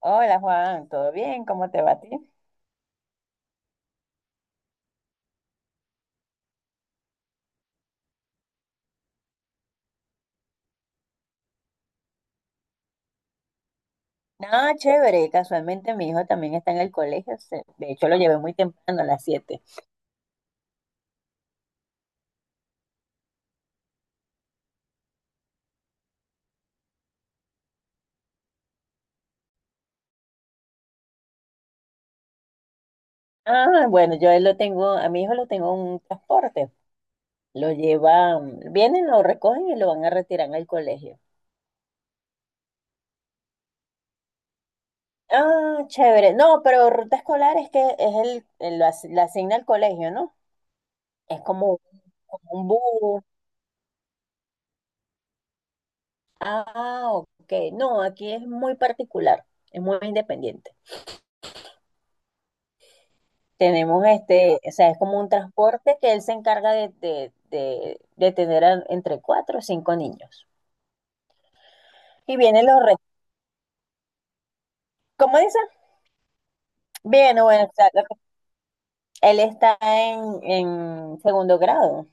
Hola Juan, ¿todo bien? ¿Cómo te va a ti? Nada, chévere. Casualmente mi hijo también está en el colegio. De hecho, lo llevé muy temprano, a las 7. Ah, bueno, yo a él lo tengo, a mi hijo lo tengo en un transporte. Lo llevan, vienen, lo recogen y lo van a retirar al colegio. Ah, chévere. No, pero ruta escolar es que es la asigna al colegio, ¿no? Es como un bus. Ah, ok. No, aquí es muy particular, es muy independiente. Tenemos este, o sea, es como un transporte que él se encarga de tener entre cuatro o cinco niños. Y vienen los retos. ¿Cómo dice? Bien, bueno, o sea, él está en segundo grado.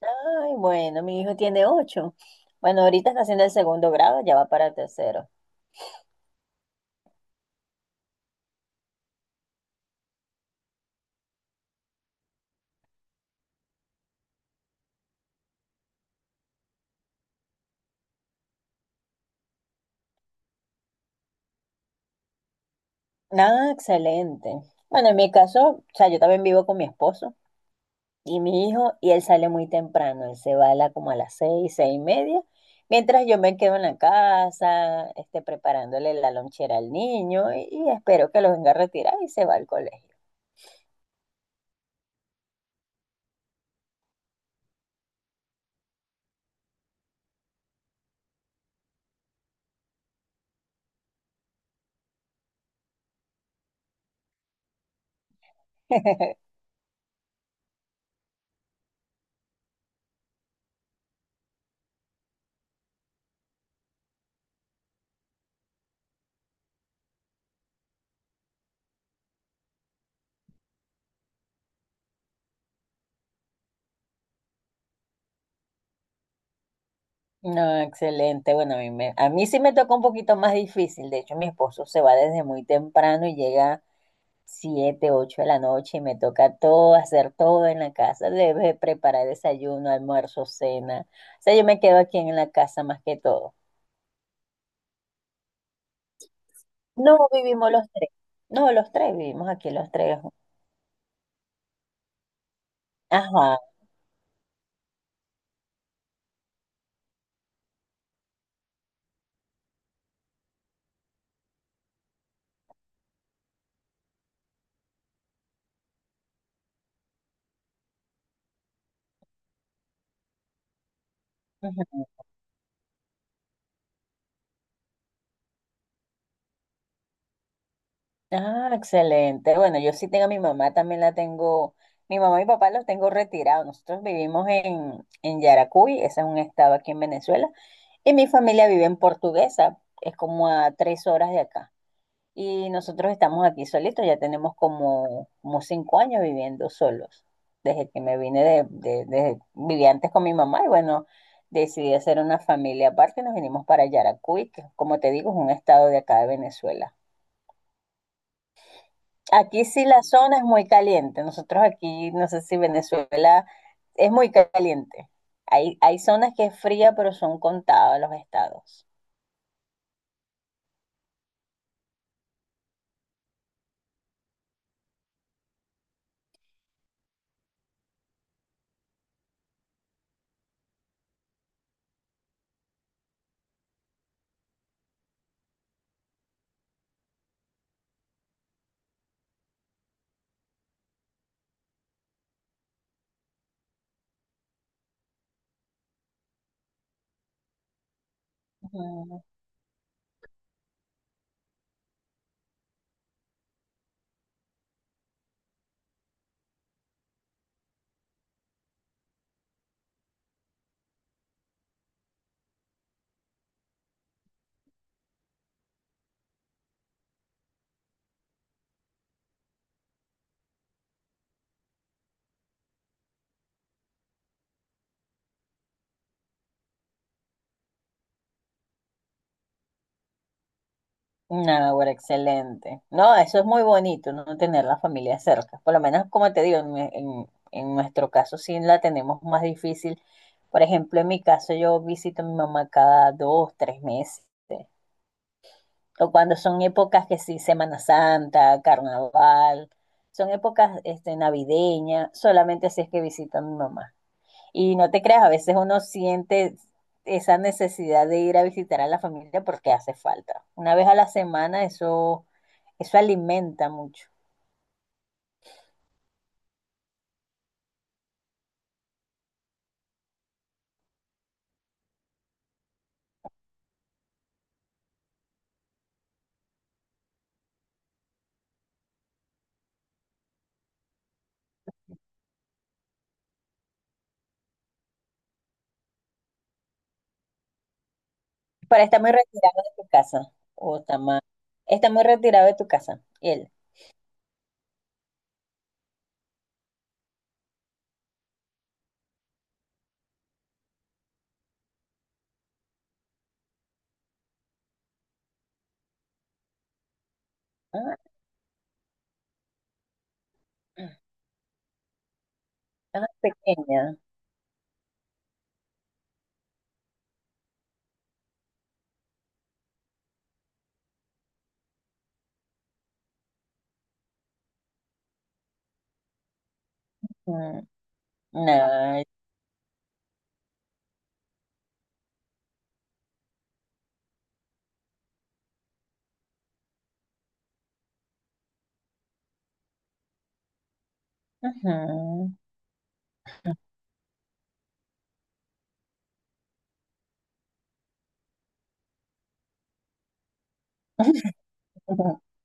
Ay, bueno, mi hijo tiene 8. Bueno, ahorita está haciendo el segundo grado, ya va para tercero. Ah, excelente. Bueno, en mi caso, o sea, yo también vivo con mi esposo. Y mi hijo, y él sale muy temprano, él se va como a las 6, 6:30, mientras yo me quedo en la casa, este, preparándole la lonchera al niño y espero que lo venga a retirar y se va al colegio. No, excelente. Bueno, a mí, a mí sí me tocó un poquito más difícil. De hecho, mi esposo se va desde muy temprano y llega 7, 8 de la noche y me toca todo, hacer todo en la casa. Debe preparar desayuno, almuerzo, cena. O sea, yo me quedo aquí en la casa más que todo. No vivimos los tres. No, los tres vivimos aquí, los tres. Ajá. Ujú. Ah, excelente. Bueno, yo sí tengo a mi mamá, también la tengo. Mi mamá y mi papá los tengo retirados. Nosotros vivimos en Yaracuy, ese es un estado aquí en Venezuela, y mi familia vive en Portuguesa, es como a 3 horas de acá. Y nosotros estamos aquí solitos, ya tenemos como 5 años viviendo solos. Desde que me vine viví antes con mi mamá y bueno, decidí hacer una familia aparte y nos vinimos para Yaracuy, que como te digo, es un estado de acá de Venezuela. Aquí sí la zona es muy caliente. Nosotros aquí, no sé si Venezuela es muy caliente. Hay zonas que es fría, pero son contados los estados. No, bueno, excelente. No, eso es muy bonito, no tener la familia cerca. Por lo menos, como te digo, en nuestro caso sí la tenemos más difícil. Por ejemplo, en mi caso yo visito a mi mamá cada 2, 3 meses. O cuando son épocas que sí, Semana Santa, Carnaval, son épocas navideñas, solamente si es que visito a mi mamá. Y no te creas, a veces uno siente esa necesidad de ir a visitar a la familia porque hace falta. Una vez a la semana eso alimenta mucho. Para está muy retirado de tu casa. O está más. Está muy retirado de tu casa. Él. Ah, ah, pequeña. Mm, nah. Ujú.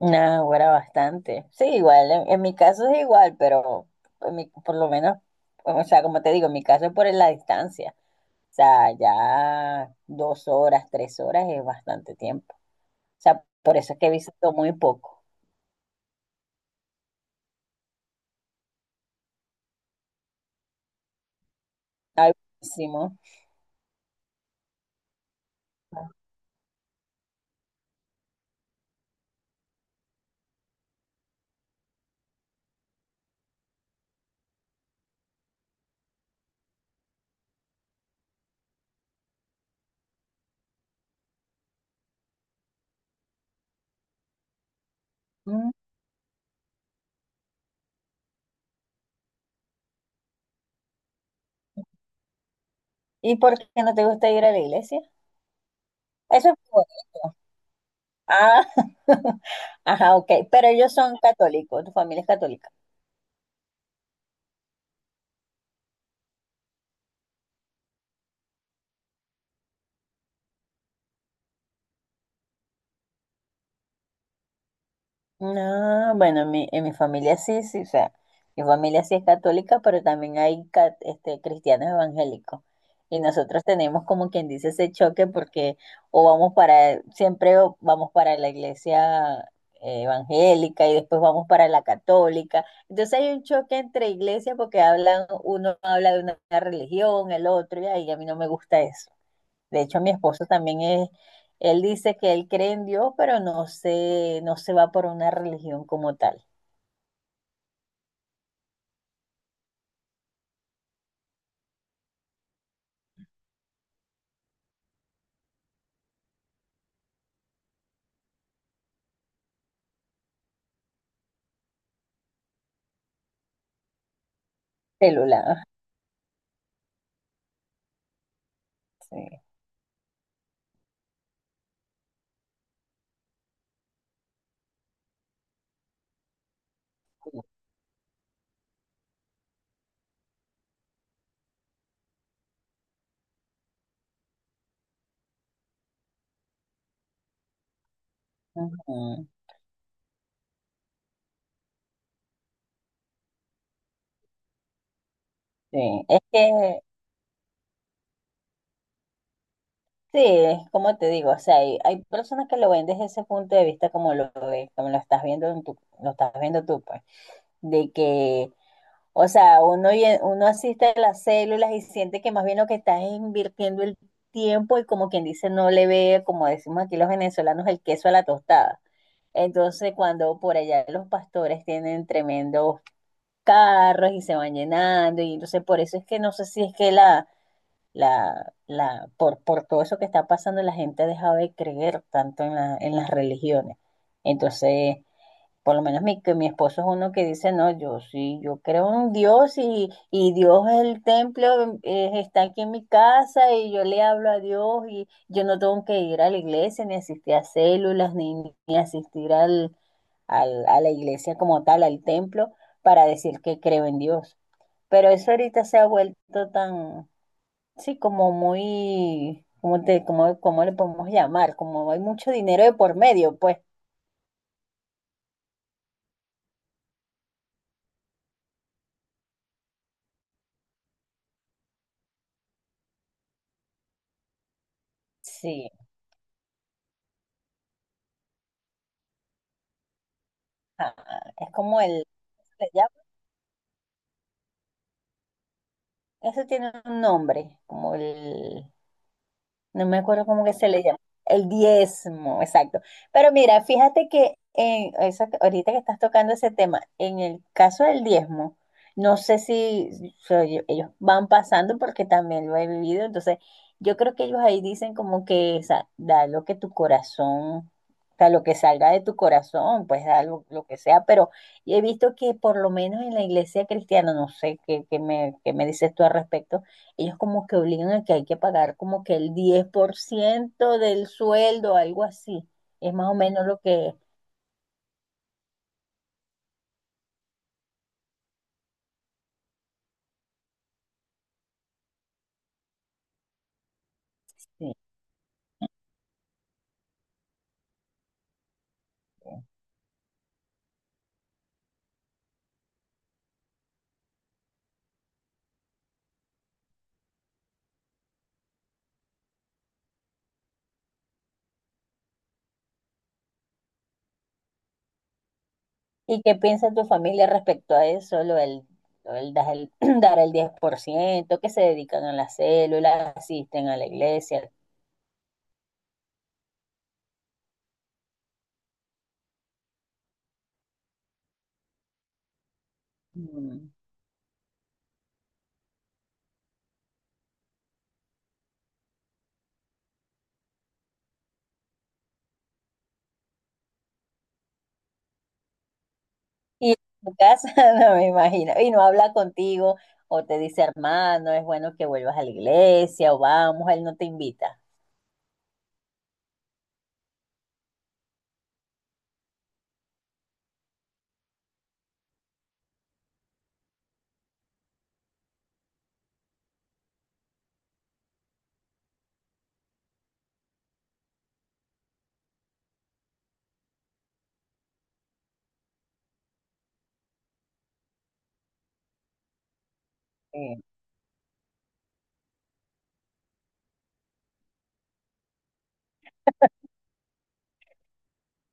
Nah, ahora bastante. Sí, igual. En mi caso es igual, pero por lo menos, o sea, como te digo, en mi caso es por la distancia. O sea, ya 2 horas, 3 horas es bastante tiempo. O sea, por eso es que visito muy poco. Algo. ¿Y por qué no te gusta ir a la iglesia? Eso es por- Ah, ajá, ok. Pero ellos son católicos, tu familia es católica. No, bueno, en mi familia sí, sí, o sea, mi familia sí es católica, pero también hay cristianos evangélicos. Y nosotros tenemos como quien dice ese choque porque siempre o vamos para la iglesia evangélica y después vamos para la católica. Entonces hay un choque entre iglesias porque hablan, uno habla de una religión, el otro, y ahí a mí no me gusta eso. De hecho, mi esposo también es, él dice que él cree en Dios, pero no se va por una religión como tal. Celular. Sí. Ujú. Sí. Es que, sí, es como te digo, o sea, hay personas que lo ven desde ese punto de vista como lo ves, como lo estás viendo lo estás viendo tú, pues, de que, o sea, uno asiste a las células y siente que más bien lo que estás es invirtiendo el tiempo y como quien dice, no le ve, como decimos aquí los venezolanos, el queso a la tostada. Entonces, cuando por allá los pastores tienen tremendos carros y se van llenando, y entonces por eso es que no sé si es que por todo eso que está pasando, la gente ha dejado de creer tanto en las religiones. Entonces, por lo menos que mi esposo es uno que dice, no, yo sí, yo creo en Dios y Dios es el templo, está aquí en mi casa y yo le hablo a Dios y yo no tengo que ir a la iglesia, ni asistir a células, ni asistir a la iglesia como tal, al templo, para decir que creo en Dios. Pero eso ahorita se ha vuelto tan, sí, como muy, ¿cómo le podemos llamar? Como hay mucho dinero de por medio, pues sí. Ah, es como el, allá, eso tiene un nombre, como el... No me acuerdo cómo que se le llama. El diezmo, exacto. Pero mira, fíjate que en eso, ahorita que estás tocando ese tema, en el caso del diezmo, no sé si ellos van pasando porque también lo he vivido. Entonces, yo creo que ellos ahí dicen como que da lo que tu corazón, o sea, lo que salga de tu corazón, pues da lo que sea. Pero he visto que por lo menos en la iglesia cristiana, no sé qué me dices tú al respecto. Ellos como que obligan a que hay que pagar como que el 10% del sueldo, algo así. Es más o menos lo que... Sí. ¿Y qué piensa tu familia respecto a eso? Lo del dar el, dar el 10% que se dedican a la célula, asisten a la iglesia. Mm. Y en tu casa, no me imagino, y no habla contigo, o te dice, hermano, es bueno que vuelvas a la iglesia, o vamos, él no te invita. Eh,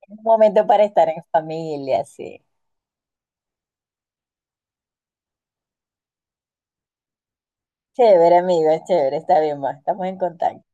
Un momento para estar en familia, sí. Chévere, amiga, chévere, está bien, va. Estamos en contacto.